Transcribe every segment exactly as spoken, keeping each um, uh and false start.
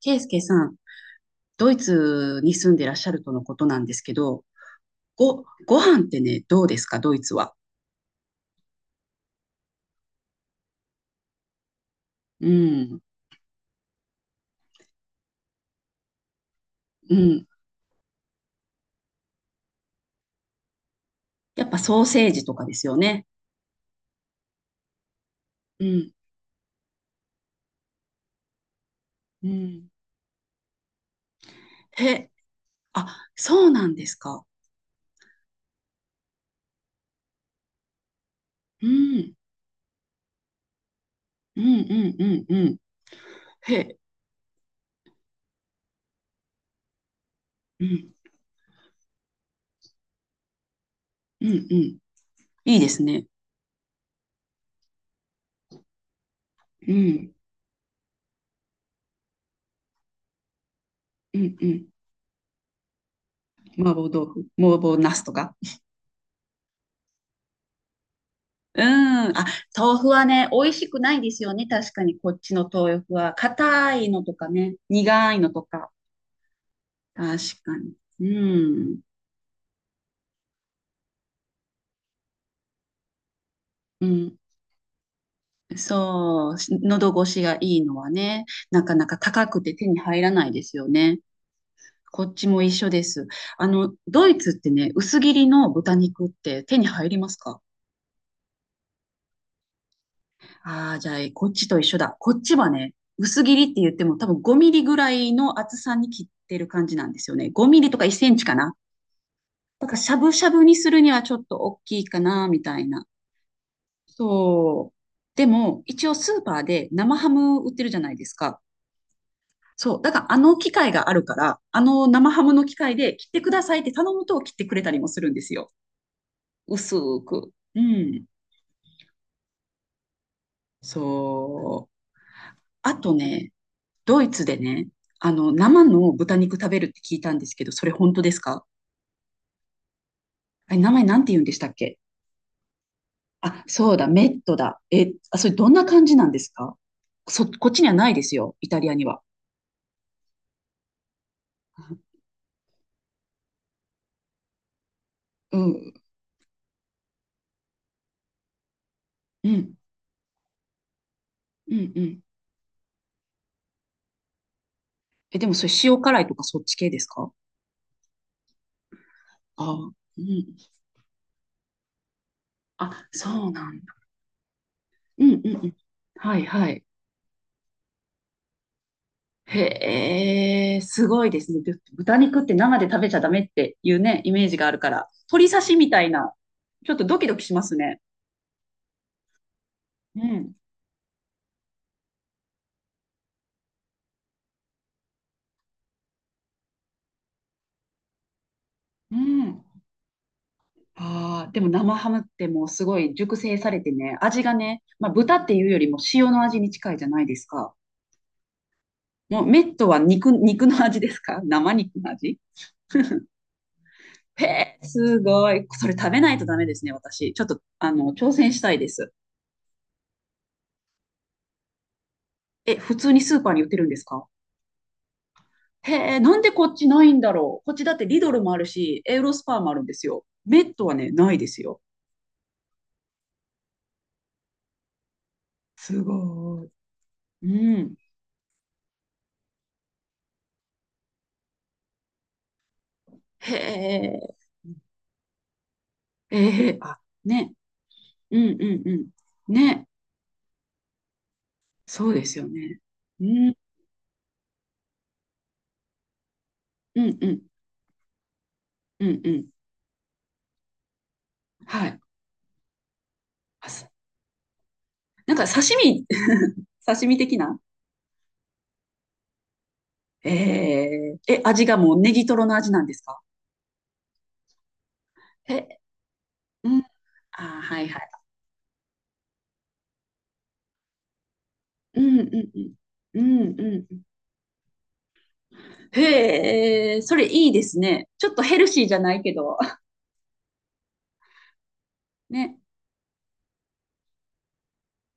ケイスケさん、ドイツに住んでらっしゃるとのことなんですけど、ご、ご飯ってね、どうですか、ドイツは。うん、うん。やっぱソーセージとかですよね。うん、うん。へ、あ、そうなんですか。うん、うん、うん、うん、うん。へ、うん、うん、うん。いいですね。うん、うん、うん。麻婆豆腐、麻婆茄子とか。うん。あ、豆腐はね、美味しくないですよね。確かに、こっちの豆腐は。硬いのとかね、苦いのとか。確かに。うん。うん。そう。し喉越しがいいのはね、なかなか高くて手に入らないですよね。こっちも一緒です。あの、ドイツってね、薄切りの豚肉って手に入りますか？ああー、じゃあ、こっちと一緒だ。こっちはね、薄切りって言っても多分ごミリぐらいの厚さに切ってる感じなんですよね。ごミリとかいっセンチかな。だからしゃぶしゃぶにするにはちょっと大きいかな、みたいな。そう。でも、一応スーパーで生ハム売ってるじゃないですか。そう。だからあの機械があるから、あの生ハムの機械で切ってくださいって頼むと切ってくれたりもするんですよ。薄く。うん。そう。あとね、ドイツでね、あの、生の豚肉食べるって聞いたんですけど、それ本当ですか？あれ、名前なんて言うんでしたっけ？あ、そうだ、メットだ。え、あ、それどんな感じなんですか？そ、こっちにはないですよ、イタリアには。うん、うん、うん、うん。え、でもそれ塩辛いとかそっち系ですか？ああ、うん。あ、そうなんだ。うん、うん、うん。はい、はい。へえ、すごいですね。ぶ豚肉って生で食べちゃダメっていうね、イメージがあるから、鶏刺しみたいな、ちょっとドキドキしますね。うん、うん。ああ、でも生ハムってもうすごい熟成されてね、味がね、まあ豚っていうよりも塩の味に近いじゃないですか。もうメットは肉、肉の味ですか？ 生肉の味？へえ、すごい。それ食べないとダメですね、私。ちょっと、あの、挑戦したいです。え、普通にスーパーに売ってるんですか？へえ、なんでこっちないんだろう。こっちだってリドルもあるし、エウロスパーもあるんですよ。メットはね、ないですよ。すごい。うん。へえ。ええあ、ね、うんうんうん。ね、そうですよね。うん、うん、うん、うん、うん。はい。あす、なんか刺身、刺身的な。えー、え、味がもうネギトロの味なんですか？え、うん、あー、はいはい。うんうんうん。うんうん。へえ、それいいですね。ちょっとヘルシーじゃないけど。ね。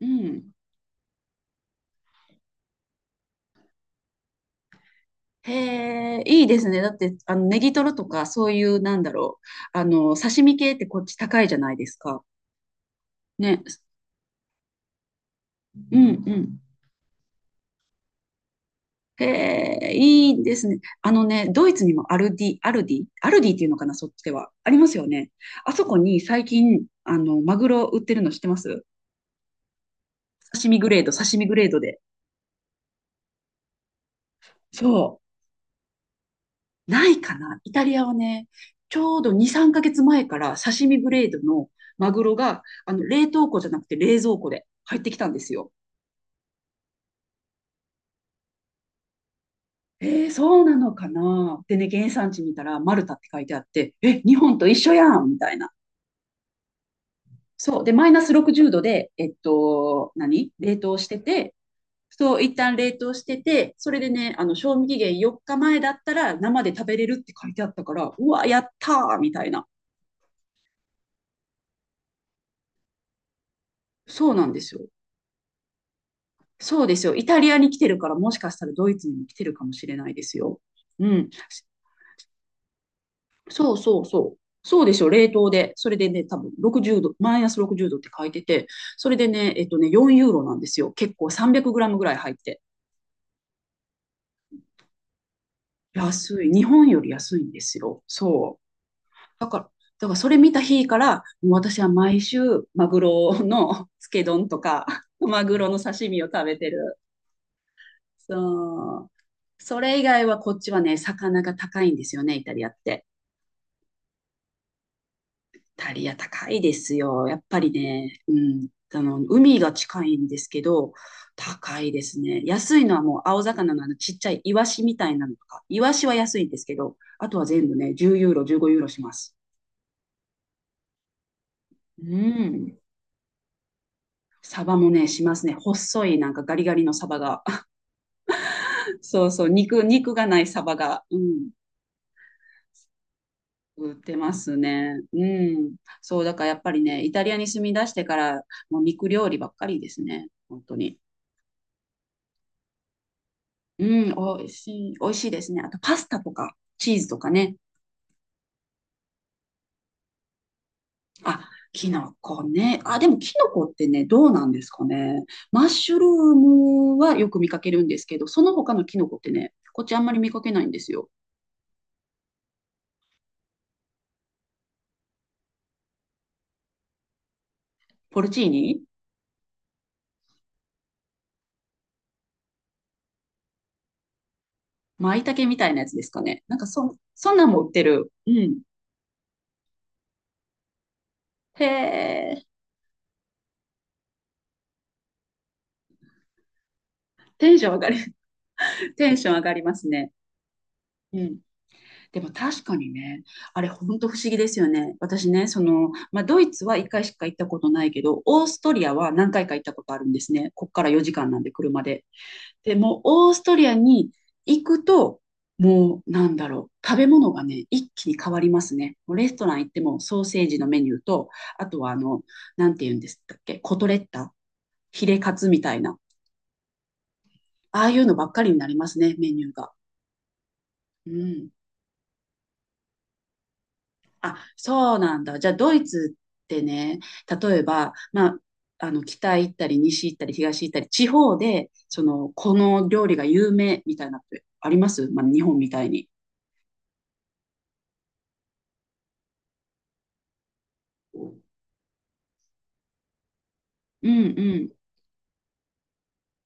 うん。へえ、いいですね。だって、あの、ネギトロとか、そういう、なんだろう。あの、刺身系ってこっち高いじゃないですか。ね。うんうん。へえ、いいですね。あのね、ドイツにもアルディ、アルディ、アルディっていうのかな、そっちでは。ありますよね。あそこに最近、あの、マグロ売ってるの知ってます？刺身グレード、刺身グレードで。そう。ないかな。イタリアはね、ちょうどに、さんかげつまえから刺身グレードのマグロが、あの、冷凍庫じゃなくて冷蔵庫で入ってきたんですよ。えー、そうなのかな。でね、原産地見たらマルタって書いてあって、え、日本と一緒やんみたいな。そう。で、マイナスろくじゅうどで、えっと、何冷凍してて、そう、一旦冷凍してて、それでね、あの、賞味期限よっかまえだったら生で食べれるって書いてあったから、うわ、やったーみたいな。そうなんですよ。そうですよ。イタリアに来てるから、もしかしたらドイツにも来てるかもしれないですよ。うん。そうそうそう。そうでしょ、冷凍で。それでね、多分ろくじゅうど、マイナスろくじゅうどって書いてて、それでね、えっとね、よユーロなんですよ。結構さんびゃくグラムぐらい入って。安い。日本より安いんですよ。そう。だから、だからそれ見た日から、もう私は毎週、マグロの つけ丼とか、マグロの刺身を食べてる。そう。それ以外はこっちはね、魚が高いんですよね、イタリアって。イタリア高いですよ。やっぱりね、うん。あの、海が近いんですけど、高いですね。安いのはもう青魚のあのちっちゃいイワシみたいなのとか、イワシは安いんですけど、あとは全部ね、じゅうユーロ、じゅうごユーロします。うん。サバもね、しますね。細い、なんかガリガリのサバが。そうそう、肉、肉がないサバが、うん、売ってますね。うん。そう、だからやっぱりね、イタリアに住み出してから、もう肉料理ばっかりですね。本当に。うん、おいしい、おいしいですね。あと、パスタとか、チーズとかね。あ、キノコね。あ、でも、キノコってね、どうなんですかね。マッシュルームはよく見かけるんですけど、その他のキノコってね、こっちあんまり見かけないんですよ。ポルチーニ？舞茸みたいなやつですかね。なんかそ、そんなんも売ってる。うん。へえ、テンション上がり、テンション上がりますね。うん。でも確かにね、あれ本当不思議ですよね。私ね、その、まあ、ドイツはいっかいしか行ったことないけど、オーストリアは何回か行ったことあるんですね。こっからよじかんなんで、車で。でも、オーストリアに行くと、もう、なんだろう、食べ物がね、一気に変わりますね。もうレストラン行っても、ソーセージのメニューと、あとは、あの、なんて言うんですっけ、コトレッタ？ヒレカツみたいな。ああいうのばっかりになりますね、メニューが。うん。あ、そうなんだ。じゃあ、ドイツってね、例えば、まあ、あの、北行ったり、西行ったり、東行ったり、地方で、その、この料理が有名みたいなってあります？まあ、日本みたいに。うん、うん、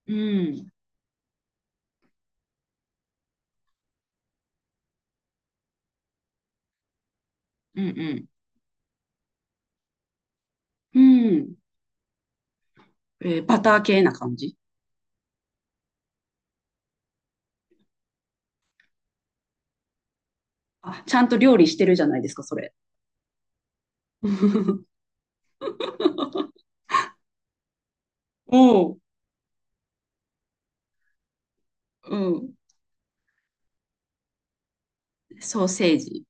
うん、うん、うん、うん。えーバター系な感じ。あ、ちゃんと料理してるじゃないですか、それ。おう、うん。ソーセージ。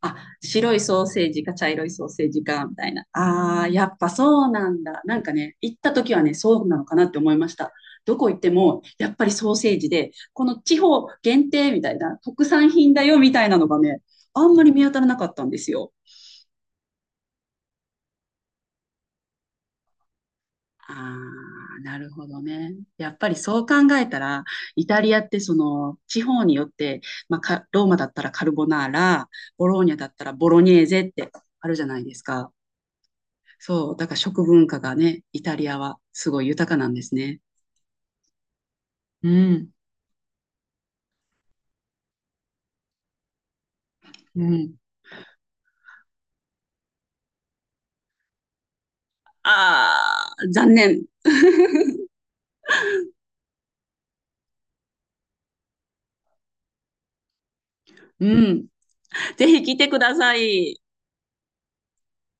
あ、白いソーセージか茶色いソーセージか、みたいな。ああ、やっぱそうなんだ。なんかね、行った時はね、そうなのかなって思いました。どこ行っても、やっぱりソーセージで、この地方限定みたいな、特産品だよみたいなのがね、あんまり見当たらなかったんですよ。ああ、なるほどね。やっぱりそう考えたら、イタリアってその地方によって、まあ、かローマだったらカルボナーラ、ボローニャだったらボロニェーゼってあるじゃないですか。そう、だから食文化がね、イタリアはすごい豊かなんですね。うん。うん。ああ、残念。うん。ぜひ来てください。